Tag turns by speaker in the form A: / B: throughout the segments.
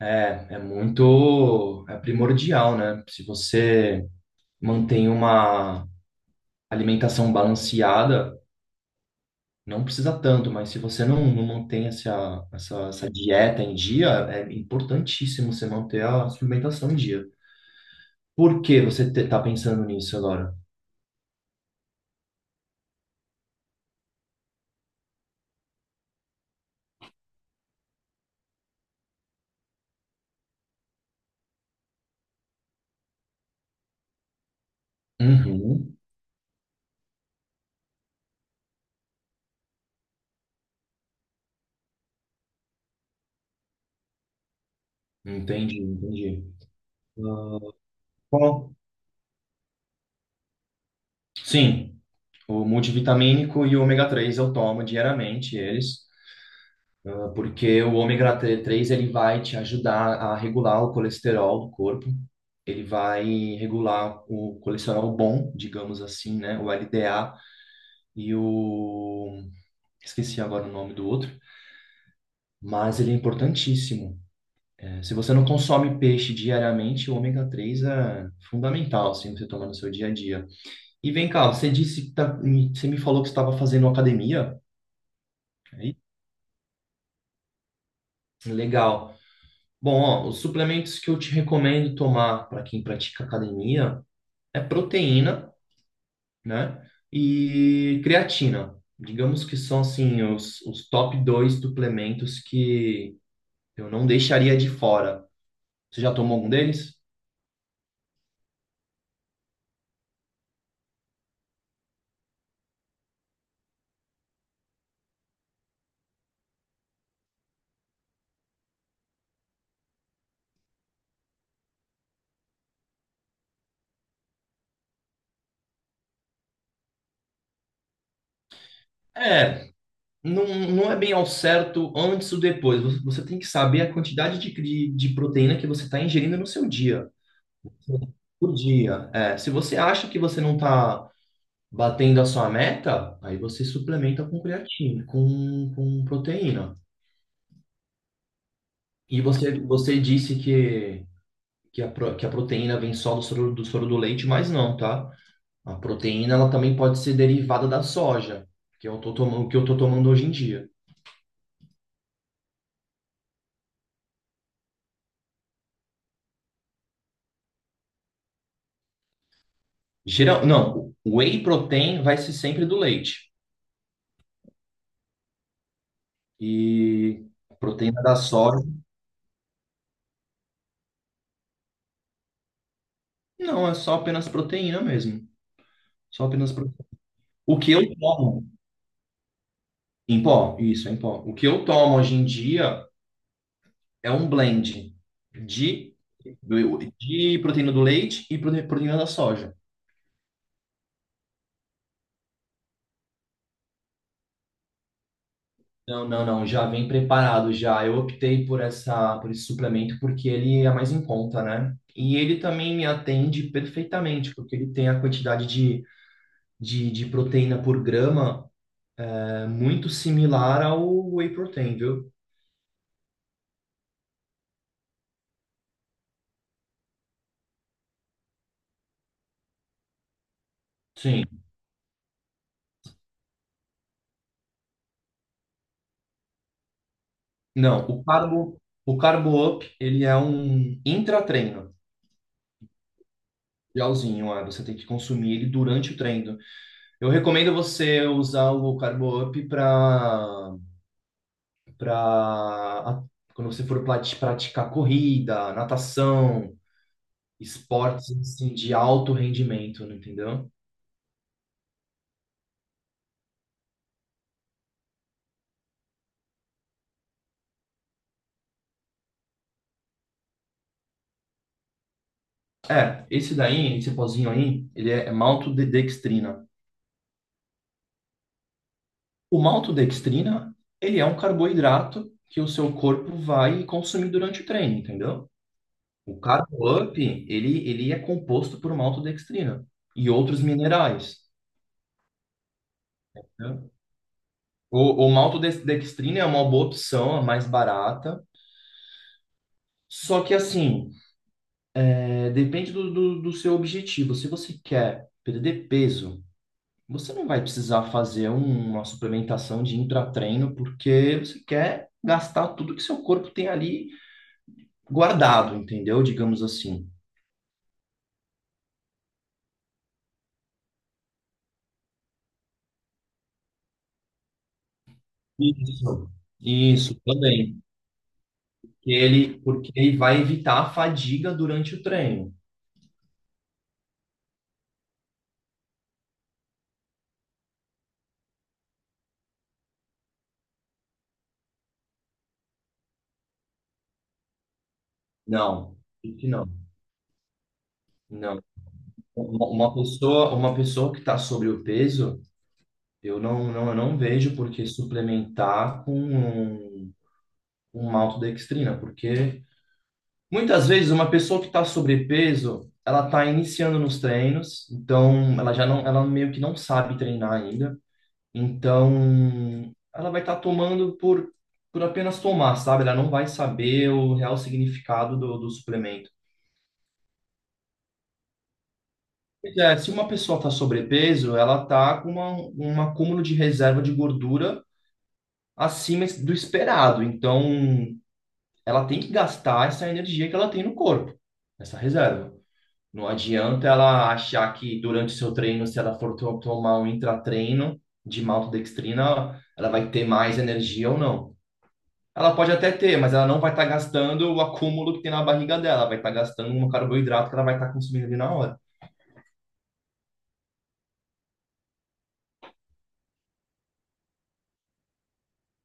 A: É muito, é primordial, né? Se você mantém uma alimentação balanceada, não precisa tanto, mas se você não mantém essa dieta em dia, é importantíssimo você manter a suplementação em dia. Por que você tá pensando nisso agora? Uhum, entendi, entendi. Bom, sim, o multivitamínico e o ômega 3 eu tomo diariamente, eles. Porque o ômega 3 ele vai te ajudar a regular o colesterol do corpo, ele vai regular o colesterol bom, digamos assim, né, o LDA e o esqueci agora o nome do outro, mas ele é importantíssimo. É, se você não consome peixe diariamente, o ômega 3 é fundamental, assim, você tomar no seu dia a dia. E vem cá, você disse que você me falou que você estava fazendo academia, aí? Legal. Bom, ó, os suplementos que eu te recomendo tomar para quem pratica academia é proteína, né? E creatina. Digamos que são assim os top dois suplementos que eu não deixaria de fora. Você já tomou algum deles? É, não é bem ao certo antes ou depois. Você tem que saber a quantidade de proteína que você está ingerindo no seu dia. Por dia. É, se você acha que você não está batendo a sua meta, aí você suplementa com creatina, com proteína. E você disse que a proteína vem só do soro, do soro do leite, mas não, tá? A proteína, ela também pode ser derivada da soja, que eu tô tomando hoje em dia. Geral, não, o whey protein vai ser sempre do leite. E a proteína da soja, não, é só apenas proteína mesmo. Só apenas proteína. O que eu tomo em pó, isso, em pó. O que eu tomo hoje em dia é um blend de, de proteína do leite e proteína da soja. Não, não, não, já vem preparado já. Eu optei por essa, por esse suplemento porque ele é mais em conta, né? E ele também me atende perfeitamente, porque ele tem a quantidade de proteína por grama é, muito similar ao whey protein, viu? Sim. Não, o carbo up, ele é um intratreino, gelzinho, é, você tem que consumir ele durante o treino. Eu recomendo você usar o Carbo Up para para quando você for praticar corrida, natação, esportes assim, de alto rendimento, né, entendeu? É, esse daí, esse pozinho aí, ele é maltodextrina. O maltodextrina, ele é um carboidrato que o seu corpo vai consumir durante o treino, entendeu? O Carbo Up, ele é composto por maltodextrina e outros minerais. Né? O maltodextrina é uma boa opção, é mais barata. Só que, assim, é, depende do seu objetivo. Se você quer perder peso, você não vai precisar fazer uma suplementação de intratreino, porque você quer gastar tudo que seu corpo tem ali guardado, entendeu? Digamos assim. Isso. Isso também. Que ele, porque ele vai evitar a fadiga durante o treino. Não, que não, não. Uma pessoa que está sobre o peso. Eu não vejo por que suplementar com um, maltodextrina, porque muitas vezes uma pessoa que está sobrepeso, ela está iniciando nos treinos, então ela já não, ela meio que não sabe treinar ainda, então ela vai estar tomando por apenas tomar, sabe? Ela não vai saber o real significado do suplemento. Pois é, se uma pessoa está sobrepeso, ela está com um acúmulo de reserva de gordura acima do esperado. Então, ela tem que gastar essa energia que ela tem no corpo, essa reserva. Não adianta ela achar que durante o seu treino, se ela for tomar um intratreino de maltodextrina, ela vai ter mais energia ou não. Ela pode até ter, mas ela não vai estar gastando o acúmulo que tem na barriga dela, vai estar gastando um carboidrato que ela vai estar consumindo ali na hora.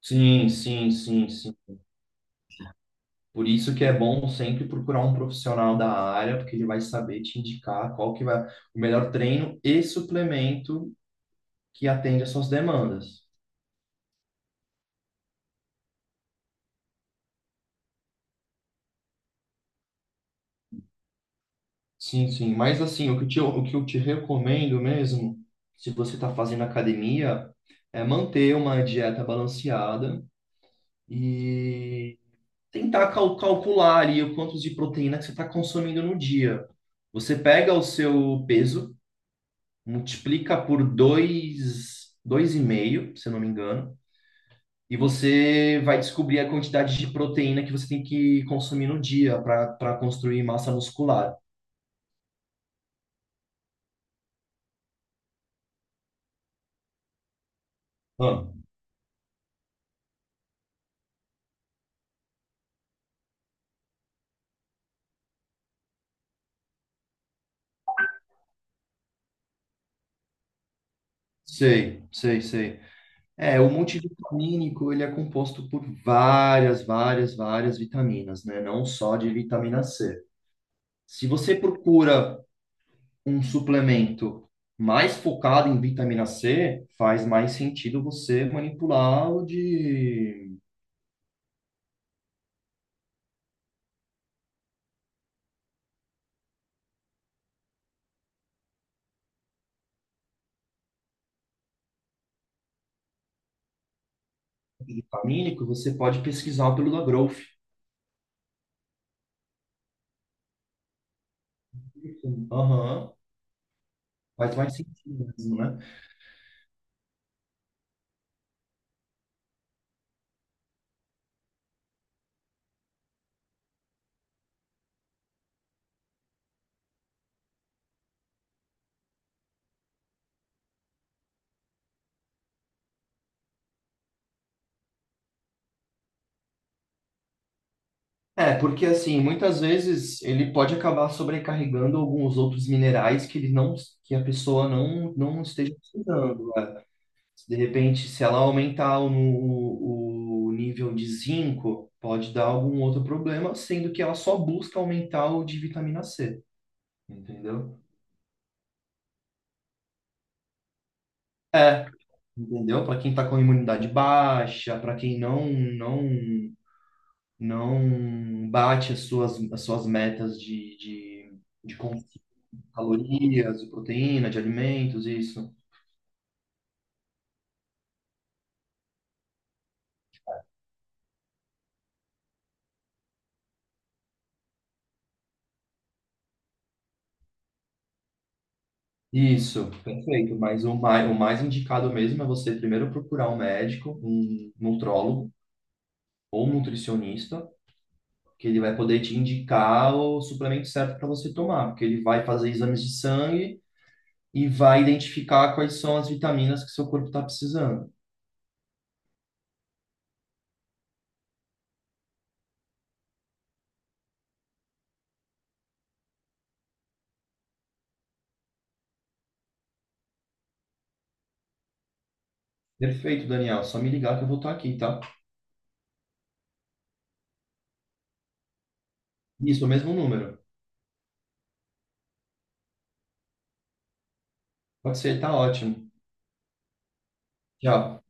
A: Sim, sim, sim, sim. Por isso que é bom sempre procurar um profissional da área, porque ele vai saber te indicar qual que vai o melhor treino e suplemento que atende às suas demandas. Sim, sim. Mas assim, o que eu te recomendo mesmo, se você está fazendo academia, é manter uma dieta balanceada e tentar calcular ali o quanto de proteína que você está consumindo no dia. Você pega o seu peso, multiplica por dois, dois e meio, se eu não me engano, e você vai descobrir a quantidade de proteína que você tem que consumir no dia para para construir massa muscular. Ah. Sei, sei, sei. É, o multivitamínico, ele é composto por várias, várias, várias vitaminas, né? Não só de vitamina C. Se você procura um suplemento mais focado em vitamina C, faz mais sentido você manipular o de vitamínico, você pode pesquisar pelo da Growth. Aham. Faz mais sentido mesmo, né? É, porque assim, muitas vezes ele pode acabar sobrecarregando alguns outros minerais que ele não, que a pessoa não esteja precisando. Né? De repente, se ela aumentar o nível de zinco, pode dar algum outro problema, sendo que ela só busca aumentar o de vitamina C, entendeu? Entendeu? Para quem está com a imunidade baixa, para quem não não bate as suas metas de consumo. Calorias, de proteína, de alimentos, isso. Isso, perfeito. Mas o mais indicado mesmo é você primeiro procurar um médico, um nutrólogo ou um nutricionista, que ele vai poder te indicar o suplemento certo para você tomar, porque ele vai fazer exames de sangue e vai identificar quais são as vitaminas que seu corpo está precisando. Perfeito, Daniel. Só me ligar que eu vou estar aqui, tá? Isso, o mesmo número. Pode ser, tá ótimo. Tchau.